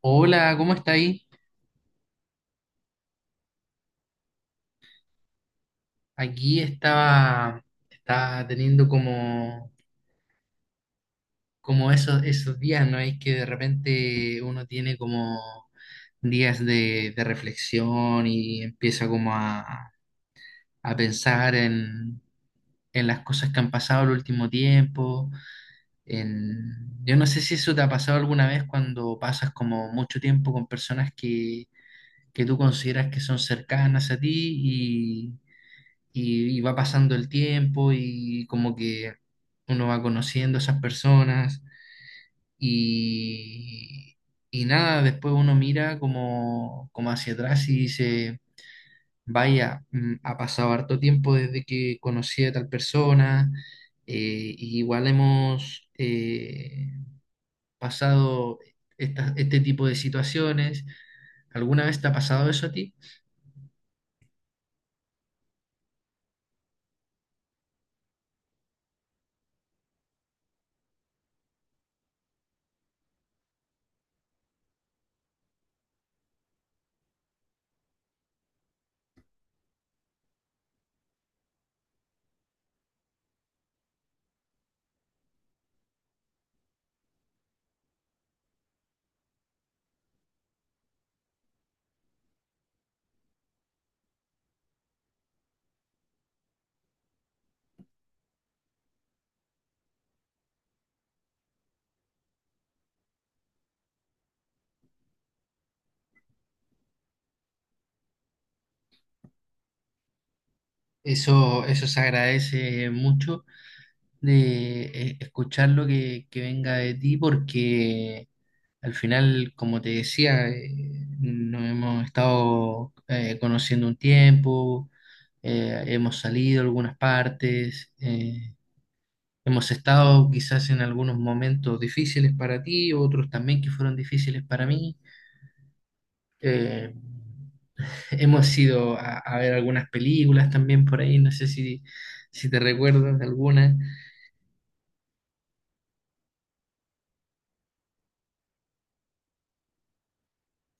Hola, ¿cómo está ahí? Aquí estaba, estaba teniendo como esos días, ¿no? Es que de repente uno tiene como días de reflexión y empieza como a pensar en las cosas que han pasado el último tiempo. Yo no sé si eso te ha pasado alguna vez cuando pasas como mucho tiempo con personas que tú consideras que son cercanas a ti y va pasando el tiempo y como que uno va conociendo a esas personas y, y nada, después uno mira como hacia atrás y dice, vaya, ha pasado harto tiempo desde que conocí a tal persona, y igual hemos pasado este tipo de situaciones. ¿Alguna vez te ha pasado eso a ti? Eso se agradece mucho de escuchar lo que venga de ti porque al final, como te decía, nos hemos estado conociendo un tiempo, hemos salido a algunas partes, hemos estado quizás en algunos momentos difíciles para ti, otros también que fueron difíciles para mí. Eh, hemos ido a ver algunas películas también por ahí, no sé si te recuerdas de alguna.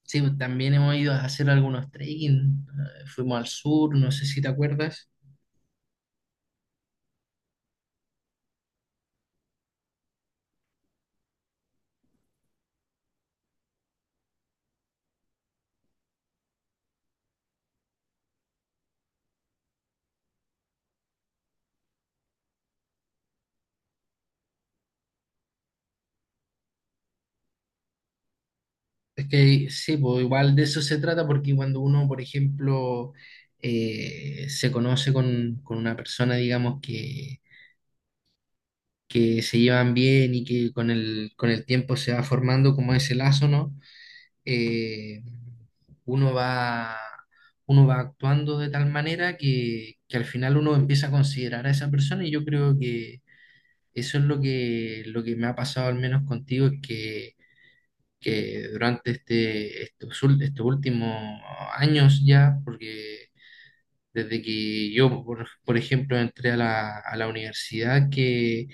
Sí, pues, también hemos ido a hacer algunos trekking, fuimos al sur, no sé si te acuerdas. Es que sí, pues igual de eso se trata porque cuando uno, por ejemplo, se conoce con una persona, digamos, que se llevan bien y que con con el tiempo se va formando como ese lazo, ¿no? Eh, uno va, uno va actuando de tal manera que al final uno empieza a considerar a esa persona, y yo creo que eso es lo lo que me ha pasado al menos contigo, es que durante estos últimos años ya, porque desde que yo, por ejemplo, entré a a la universidad,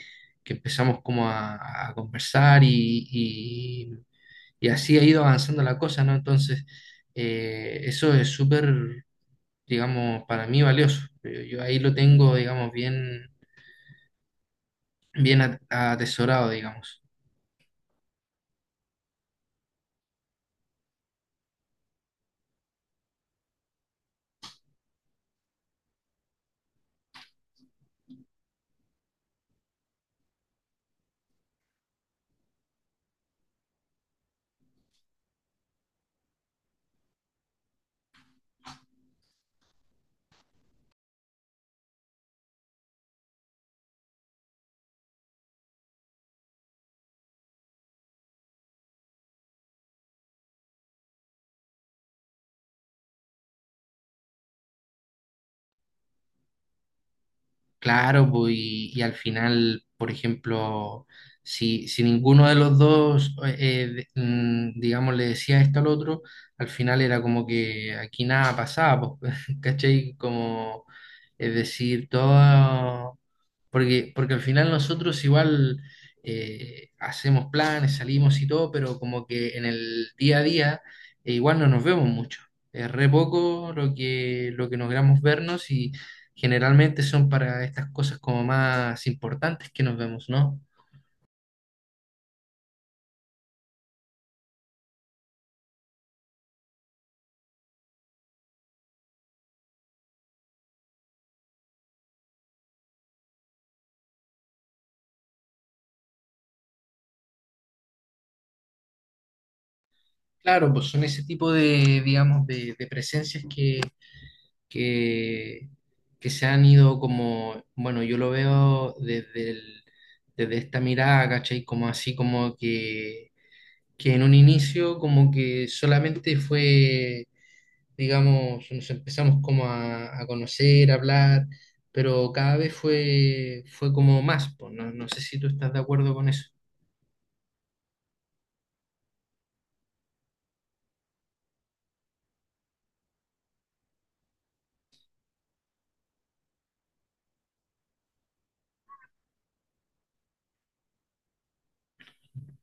que empezamos como a conversar y y así ha ido avanzando la cosa, ¿no? Entonces, eso es súper, digamos, para mí valioso. Yo ahí lo tengo, digamos, bien atesorado, digamos. Claro, pues, y al final, por ejemplo, si ninguno de los dos, digamos, le decía esto al otro, al final era como que aquí nada pasaba, pues, ¿cachai? Como, es decir, todo, porque al final nosotros igual hacemos planes, salimos y todo, pero como que en el día a día igual no nos vemos mucho. Es re poco lo lo que logramos vernos. Generalmente son para estas cosas como más importantes que nos vemos, ¿no? Claro, pues son ese tipo de, digamos, de presencias que, que se han ido como, bueno, yo lo veo desde esta mirada, ¿cachai? Como así como que en un inicio como que solamente fue, digamos, nos empezamos como a conocer, a hablar, pero cada vez fue como más, pues, no sé si tú estás de acuerdo con eso.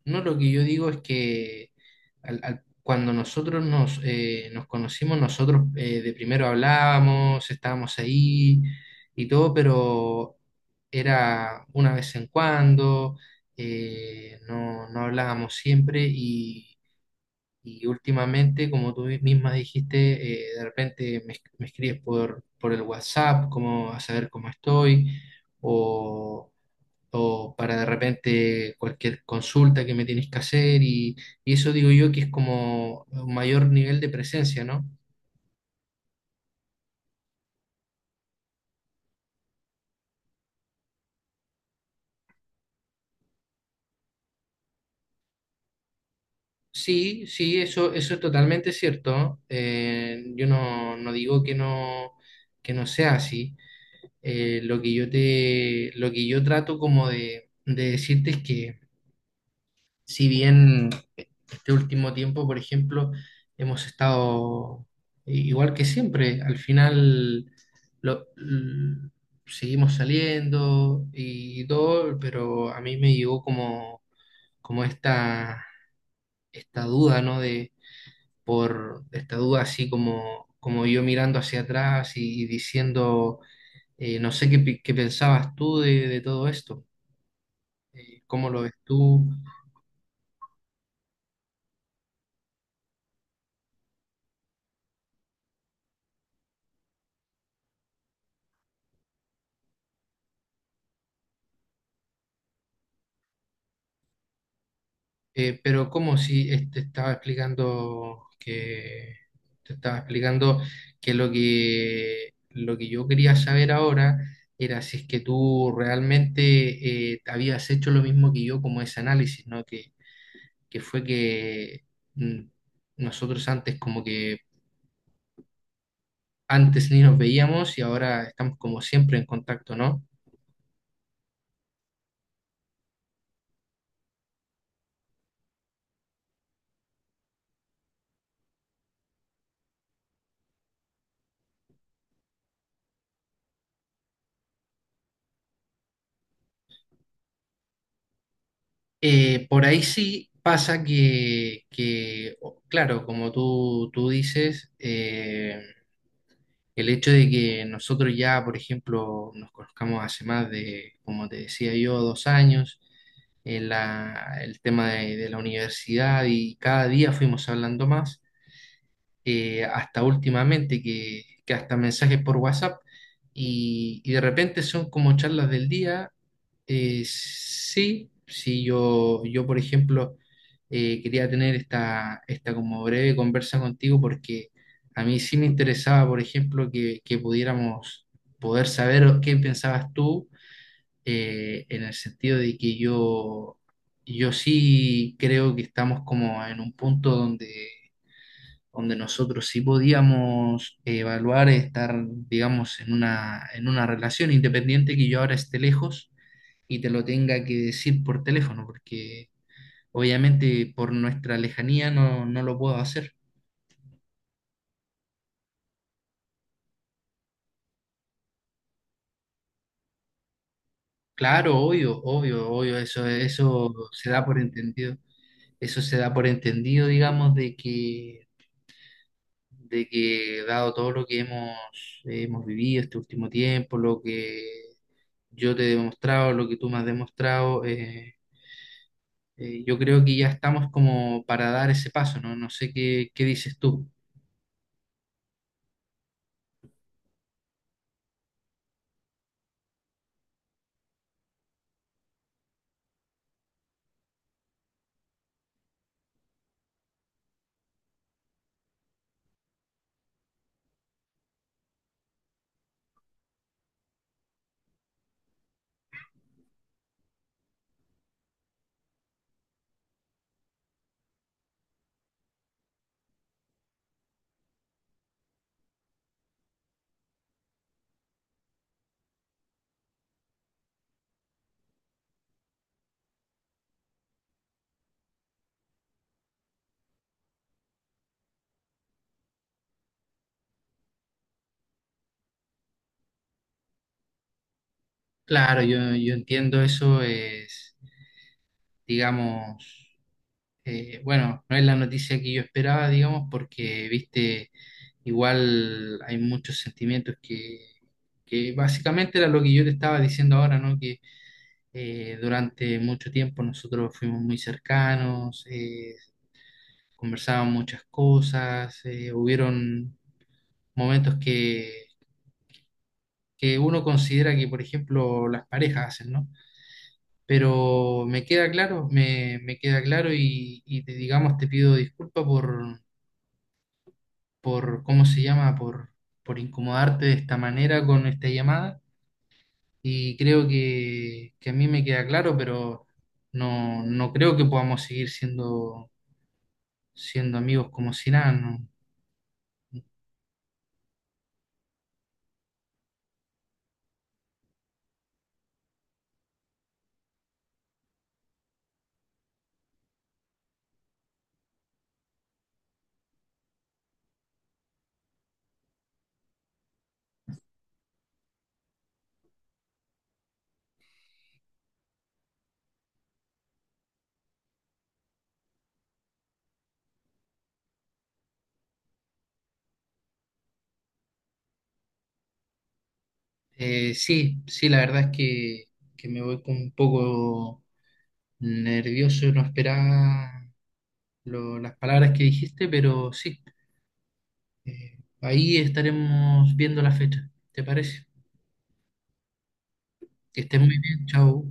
No, lo que yo digo es que cuando nosotros nos, nos conocimos, nosotros de primero hablábamos, estábamos ahí y todo, pero era una vez en cuando, no hablábamos siempre y últimamente, como tú misma dijiste, de repente me escribes por el WhatsApp, como a saber cómo estoy, o o para de repente cualquier consulta que me tienes que hacer y eso digo yo que es como un mayor nivel de presencia, ¿no? Sí, sí, eso es totalmente cierto. Yo no, no digo que no sea así. Lo que yo trato como de decirte es que si bien este último tiempo, por ejemplo, hemos estado igual que siempre. Al final lo- l- seguimos saliendo y todo, pero a mí me llegó como esta, esta duda, ¿no? De, por esta duda así como yo mirando hacia atrás y diciendo, no sé qué, pi- qué pensabas tú de todo esto. ¿Cómo lo ves tú? Pero como si te estaba explicando que lo que yo quería saber ahora era si es que tú realmente habías hecho lo mismo que yo, como ese análisis, ¿no? Que fue que mm, nosotros antes como que antes ni nos veíamos y ahora estamos como siempre en contacto, ¿no? Por ahí sí pasa claro, como tú dices, el hecho de que nosotros ya, por ejemplo, nos conozcamos hace más de, como te decía yo, dos años, en el tema de la universidad, y cada día fuimos hablando más, hasta últimamente que hasta mensajes por WhatsApp y de repente son como charlas del día. Sí, sí, yo por ejemplo quería tener esta como breve conversa contigo, porque a mí sí me interesaba, por ejemplo, que pudiéramos poder saber qué pensabas tú, en el sentido de que yo sí creo que estamos como en un punto donde, donde nosotros sí podíamos evaluar estar, digamos, en en una relación. Independiente que yo ahora esté lejos y te lo tenga que decir por teléfono, porque obviamente por nuestra lejanía no lo puedo hacer. Claro, obvio, obvio, obvio, eso se da por entendido. Eso se da por entendido, digamos, de que dado todo lo que hemos vivido este último tiempo, lo que yo te he demostrado, lo que tú me has demostrado, yo creo que ya estamos como para dar ese paso, ¿no? No sé qué dices tú. Claro, yo entiendo, eso es, digamos, bueno, no es la noticia que yo esperaba, digamos, porque, viste, igual hay muchos sentimientos que básicamente era lo que yo te estaba diciendo ahora, ¿no? Que durante mucho tiempo nosotros fuimos muy cercanos, conversábamos muchas cosas, hubieron momentos que uno considera que, por ejemplo, las parejas hacen, ¿no? Pero me queda claro, me queda claro y digamos, te pido disculpa ¿cómo se llama? Por incomodarte de esta manera con esta llamada. Y creo que a mí me queda claro, pero no creo que podamos seguir siendo amigos como si nada, ¿no? Sí, sí, la verdad es que me voy con un poco nervioso, no esperaba las palabras que dijiste, pero sí. Ahí estaremos viendo la fecha. ¿Te parece? Que estés muy bien. Chao.